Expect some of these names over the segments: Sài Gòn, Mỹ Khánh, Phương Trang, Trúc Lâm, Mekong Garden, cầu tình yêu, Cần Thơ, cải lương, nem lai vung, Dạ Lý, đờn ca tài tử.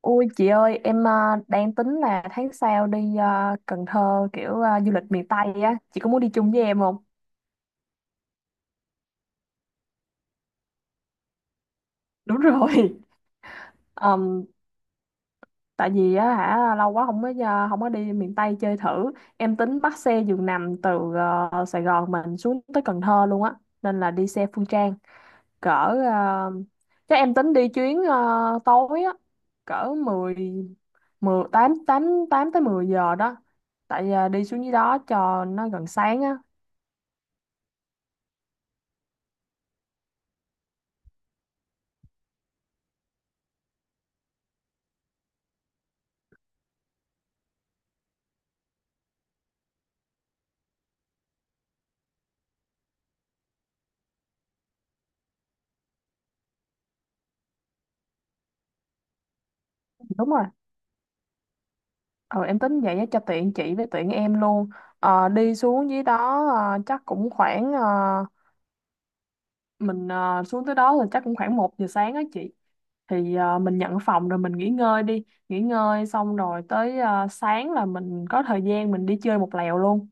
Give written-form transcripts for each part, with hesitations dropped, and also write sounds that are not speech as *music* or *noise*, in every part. Ôi chị ơi, em à, đang tính là tháng sau đi à, Cần Thơ kiểu à, du lịch miền Tây á, chị có muốn đi chung với em không? *laughs* Đúng rồi. Ờm, Tại vì á hả lâu quá không có đi miền Tây chơi thử. Em tính bắt xe giường nằm từ à, Sài Gòn mình xuống tới Cần Thơ luôn á, nên là đi xe Phương Trang cỡ à, chắc em tính đi chuyến à, tối á, cỡ 10 10 8 8 8 tới 10 giờ đó. Tại à, đi xuống dưới đó cho nó gần sáng á. Đúng rồi. Ừ, em tính vậy á, cho tiện chị với tiện em luôn. Đi xuống dưới đó chắc cũng khoảng mình xuống tới đó là chắc cũng khoảng 1 giờ sáng á chị, thì mình nhận phòng rồi mình nghỉ ngơi đi nghỉ ngơi xong rồi tới sáng là mình có thời gian mình đi chơi một lèo luôn.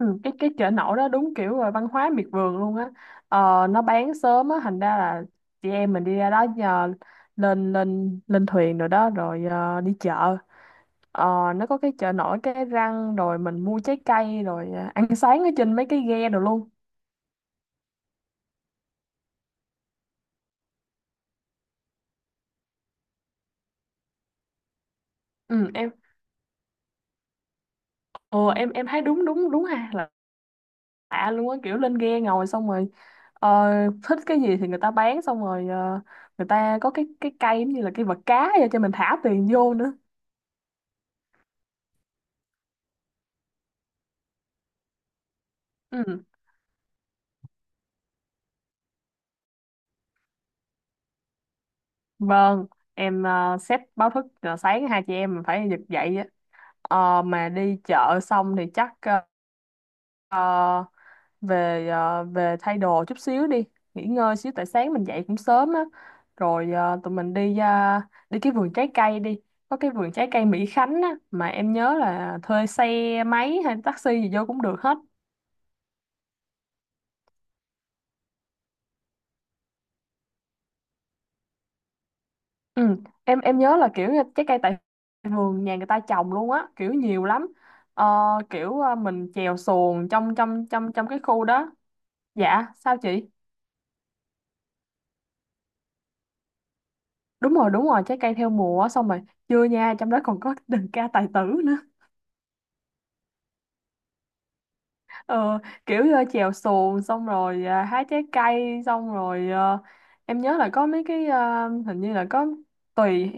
Ừ, cái chợ nổi đó đúng kiểu là văn hóa miệt vườn luôn á. Nó bán sớm á thành ra là chị em mình đi ra đó giờ lên lên lên thuyền rồi đó rồi đi chợ. Ờ, nó có cái chợ nổi cái răng rồi mình mua trái cây rồi à, ăn sáng ở trên mấy cái ghe rồi luôn. Ừ, em thấy đúng đúng đúng ha, là lạ luôn á kiểu lên ghe ngồi xong rồi ờ, thích cái gì thì người ta bán xong rồi người ta có cái cây giống như là cái vật cá vậy cho mình thả tiền vô nữa. Ừ. Vâng, em set báo thức là sáng hai chị em mình phải giật dậy á. Mà đi chợ xong thì chắc uh, về, về thay đồ chút xíu đi nghỉ ngơi xíu tại sáng mình dậy cũng sớm á, rồi tụi mình đi cái vườn trái cây đi, có cái vườn trái cây Mỹ Khánh á mà em nhớ là thuê xe máy hay taxi gì vô cũng được hết. Ừ. em nhớ là kiểu như trái cây tại vườn nhà người ta trồng luôn á kiểu nhiều lắm. Ờ, Kiểu mình chèo xuồng trong trong trong trong cái khu đó. Dạ sao chị? Đúng rồi đúng rồi, trái cây theo mùa á, xong rồi chưa nha, trong đó còn có *laughs* đờn ca tài tử nữa. Ờ, Kiểu chèo xuồng xong rồi à, hái trái cây xong rồi em nhớ là có mấy cái hình như là có tùy.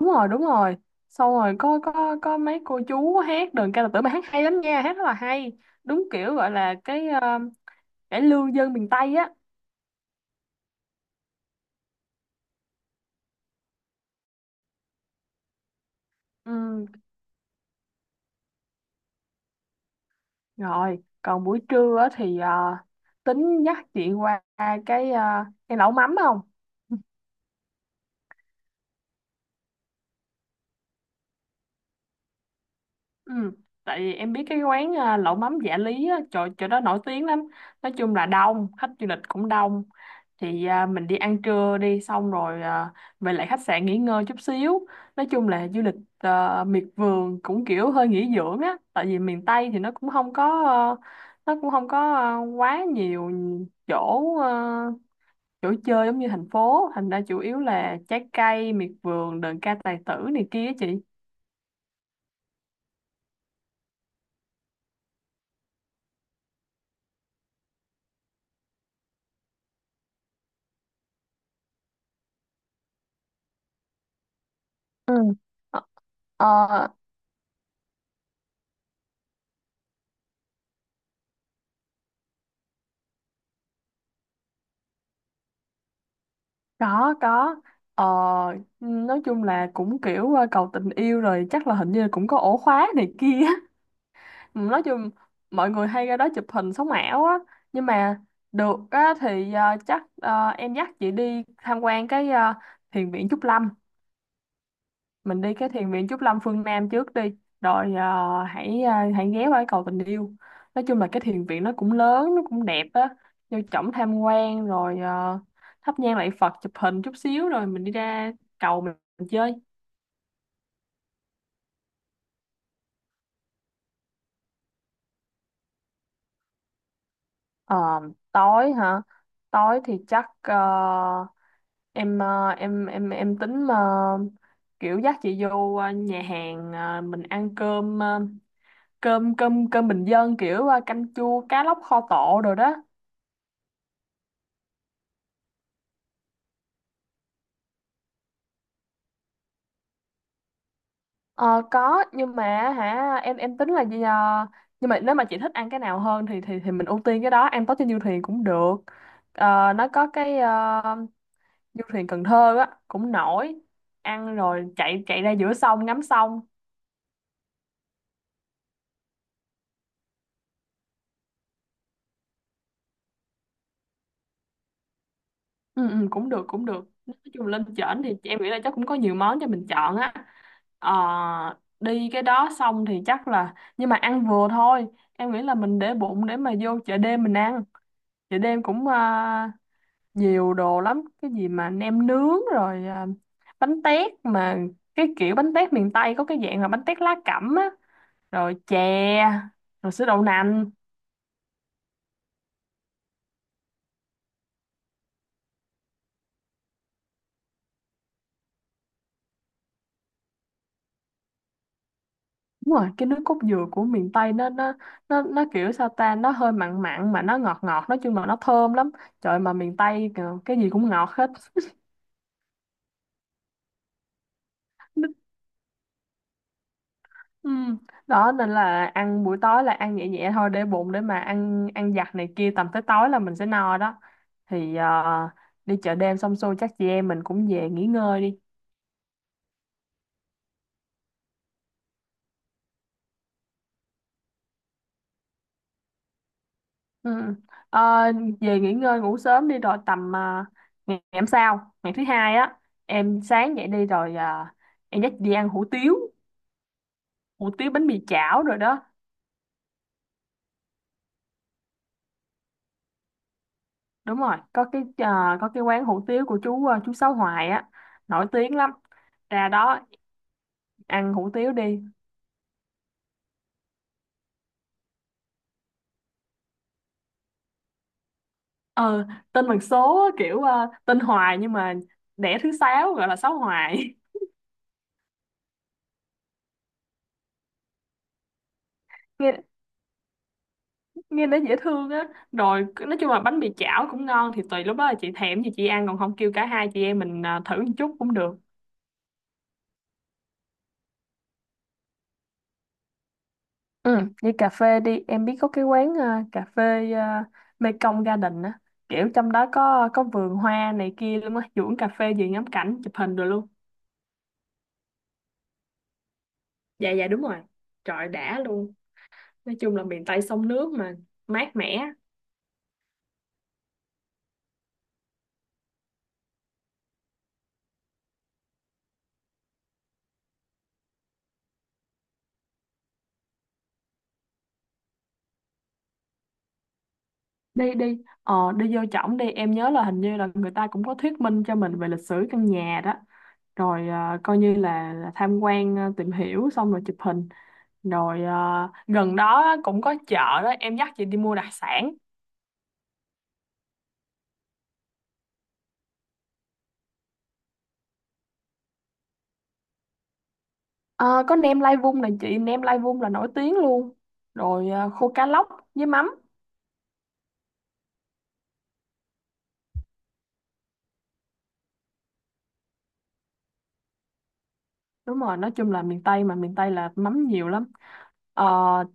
Đúng rồi đúng rồi, xong rồi có mấy cô chú hát đờn ca tài tử mà hát hay lắm nha, hát rất là hay, đúng kiểu gọi là cái cải lương dân miền Tây á. Ừ, rồi còn buổi trưa á thì tính dắt chị qua cái lẩu mắm không? Ừ. Tại vì em biết cái quán à, lẩu mắm Dạ Lý á, chỗ đó nổi tiếng lắm, nói chung là đông, khách du lịch cũng đông, thì à, mình đi ăn trưa đi, xong rồi à, về lại khách sạn nghỉ ngơi chút xíu. Nói chung là du lịch à, miệt vườn cũng kiểu hơi nghỉ dưỡng á, tại vì miền Tây thì nó cũng không có ờ, nó cũng không có ờ, quá nhiều chỗ chỗ chơi giống như thành phố, thành ra chủ yếu là trái cây miệt vườn, đờn ca tài tử này kia á chị. Ừ. Ờ, Có, có. Ờ, nói chung là cũng kiểu cầu tình yêu rồi chắc là hình như là cũng có ổ khóa này kia. *laughs* Nói chung mọi người hay ra đó chụp hình sống ảo á. Nhưng mà được á, thì chắc em dắt chị đi tham quan cái thiền viện Trúc Lâm, mình đi cái thiền viện Trúc Lâm phương Nam trước đi rồi hãy ghé qua cái cầu tình yêu. Nói chung là cái thiền viện nó cũng lớn nó cũng đẹp á, vô trỏng tham quan rồi thắp nhang lạy Phật chụp hình chút xíu rồi mình đi ra cầu mình chơi. Ờ, Tối hả? Tối thì chắc em tính kiểu dắt chị vô nhà hàng mình ăn cơm cơm bình dân kiểu canh chua cá lóc kho tộ rồi đó. Ờ, có nhưng mà hả, em tính là gì nhờ? Nhưng mà nếu mà chị thích ăn cái nào hơn thì mình ưu tiên cái đó, ăn tối trên du thuyền cũng được. Nó có cái du thuyền Cần Thơ á cũng nổi, ăn rồi chạy chạy ra giữa sông ngắm sông. Ừ, ừ, cũng được cũng được, nói chung lên trển thì em nghĩ là chắc cũng có nhiều món cho mình chọn á. Ờ, Đi cái đó xong thì chắc là, nhưng mà ăn vừa thôi, em nghĩ là mình để bụng để mà vô chợ đêm mình ăn. Chợ đêm cũng nhiều đồ lắm, cái gì mà nem nướng rồi à, bánh tét mà cái kiểu bánh tét miền Tây có cái dạng là bánh tét lá cẩm á, rồi chè, rồi sữa đậu nành. Đúng rồi, cái nước cốt dừa của miền Tây nó kiểu sao ta, nó hơi mặn mặn mà nó ngọt ngọt, nói chung là nó thơm lắm. Trời mà miền Tây kìa, cái gì cũng ngọt hết. *laughs* Ừ. Đó nên là ăn buổi tối là ăn nhẹ nhẹ thôi để bụng để mà ăn ăn giặt này kia, tầm tới tối là mình sẽ no đó. Thì đi chợ đêm xong xuôi chắc chị em mình cũng về nghỉ ngơi đi. Ừ. Ờ, Về nghỉ ngơi ngủ sớm đi, rồi tầm ngày ngày hôm sau, ngày thứ hai á, em sáng dậy đi rồi em dắt đi ăn hủ tiếu, hủ tiếu bánh mì chảo rồi đó. Đúng rồi, có cái có cái quán hủ tiếu của chú chú Sáu Hoài á, nổi tiếng lắm, ra đó ăn hủ tiếu đi. ờ Tên bằng số á, kiểu tên Hoài nhưng mà đẻ thứ sáu gọi là Sáu Hoài. *laughs* Nghe nó dễ thương á, rồi nói chung là bánh mì chảo cũng ngon, thì tùy lúc đó là chị thèm gì chị ăn, còn không kêu cả hai chị em mình à, thử một chút cũng được. Ừ. Đi cà phê đi, em biết có cái quán à, cà phê à, Mekong Garden á, kiểu trong đó có vườn hoa này kia luôn á, duỗi cà phê gì, ngắm cảnh chụp hình rồi luôn. Dạ dạ, đúng rồi, trời đã luôn, nói chung là miền Tây sông nước mà, mát mẻ. Đi đi ờ đi vô trỏng đi, em nhớ là hình như là người ta cũng có thuyết minh cho mình về lịch sử căn nhà đó, rồi à, coi như là, tham quan à, tìm hiểu xong rồi chụp hình, rồi à, gần đó á, cũng có chợ đó, em dắt chị đi mua đặc sản. Ờ, có nem lai vung này chị, nem lai vung là nổi tiếng luôn, rồi à, khô cá lóc với mắm. Đúng rồi, nói chung là miền Tây mà, miền Tây là mắm nhiều lắm. Ờ,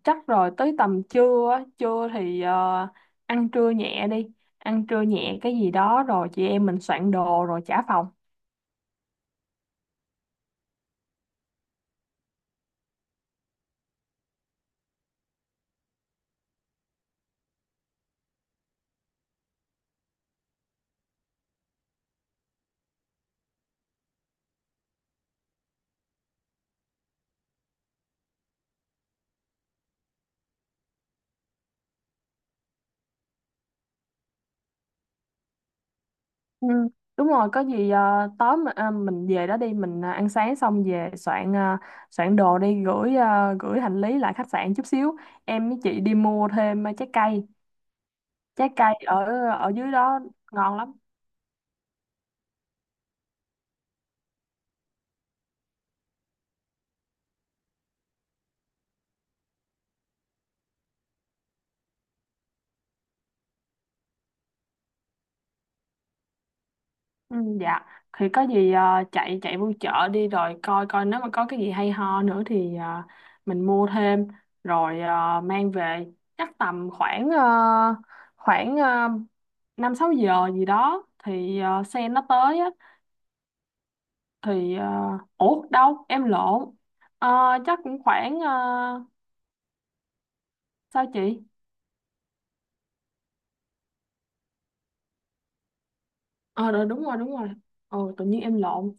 Chắc rồi tới tầm trưa á, trưa thì ăn trưa nhẹ đi, ăn trưa nhẹ cái gì đó rồi chị em mình soạn đồ rồi trả phòng. Ừ, đúng rồi, có gì tối mà, à, mình về đó đi mình à, ăn sáng xong về soạn, à, soạn đồ đi gửi, à, gửi hành lý lại khách sạn chút xíu, em với chị đi mua thêm à, trái cây, trái cây ở ở dưới đó ngon lắm. Ừ, dạ, thì có gì à, chạy chạy vô chợ đi rồi coi coi nếu mà có cái gì hay ho nữa thì à, mình mua thêm, rồi à, mang về. Chắc tầm khoảng khoảng ờ, 5-6 giờ gì đó thì xe nó tới á, thì ủa đâu em lộn. Ờ, Chắc cũng khoảng sao chị? Ờ rồi đúng rồi đúng rồi, ồ tự nhiên em lộn.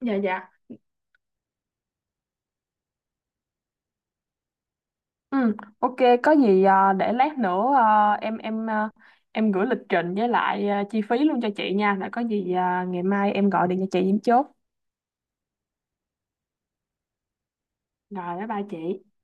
Dạ dạ. Ừ ok, có gì để lát nữa em gửi lịch trình với lại chi phí luôn cho chị nha, rồi có gì ngày mai em gọi điện cho chị em chốt. Rồi, bye bye chị.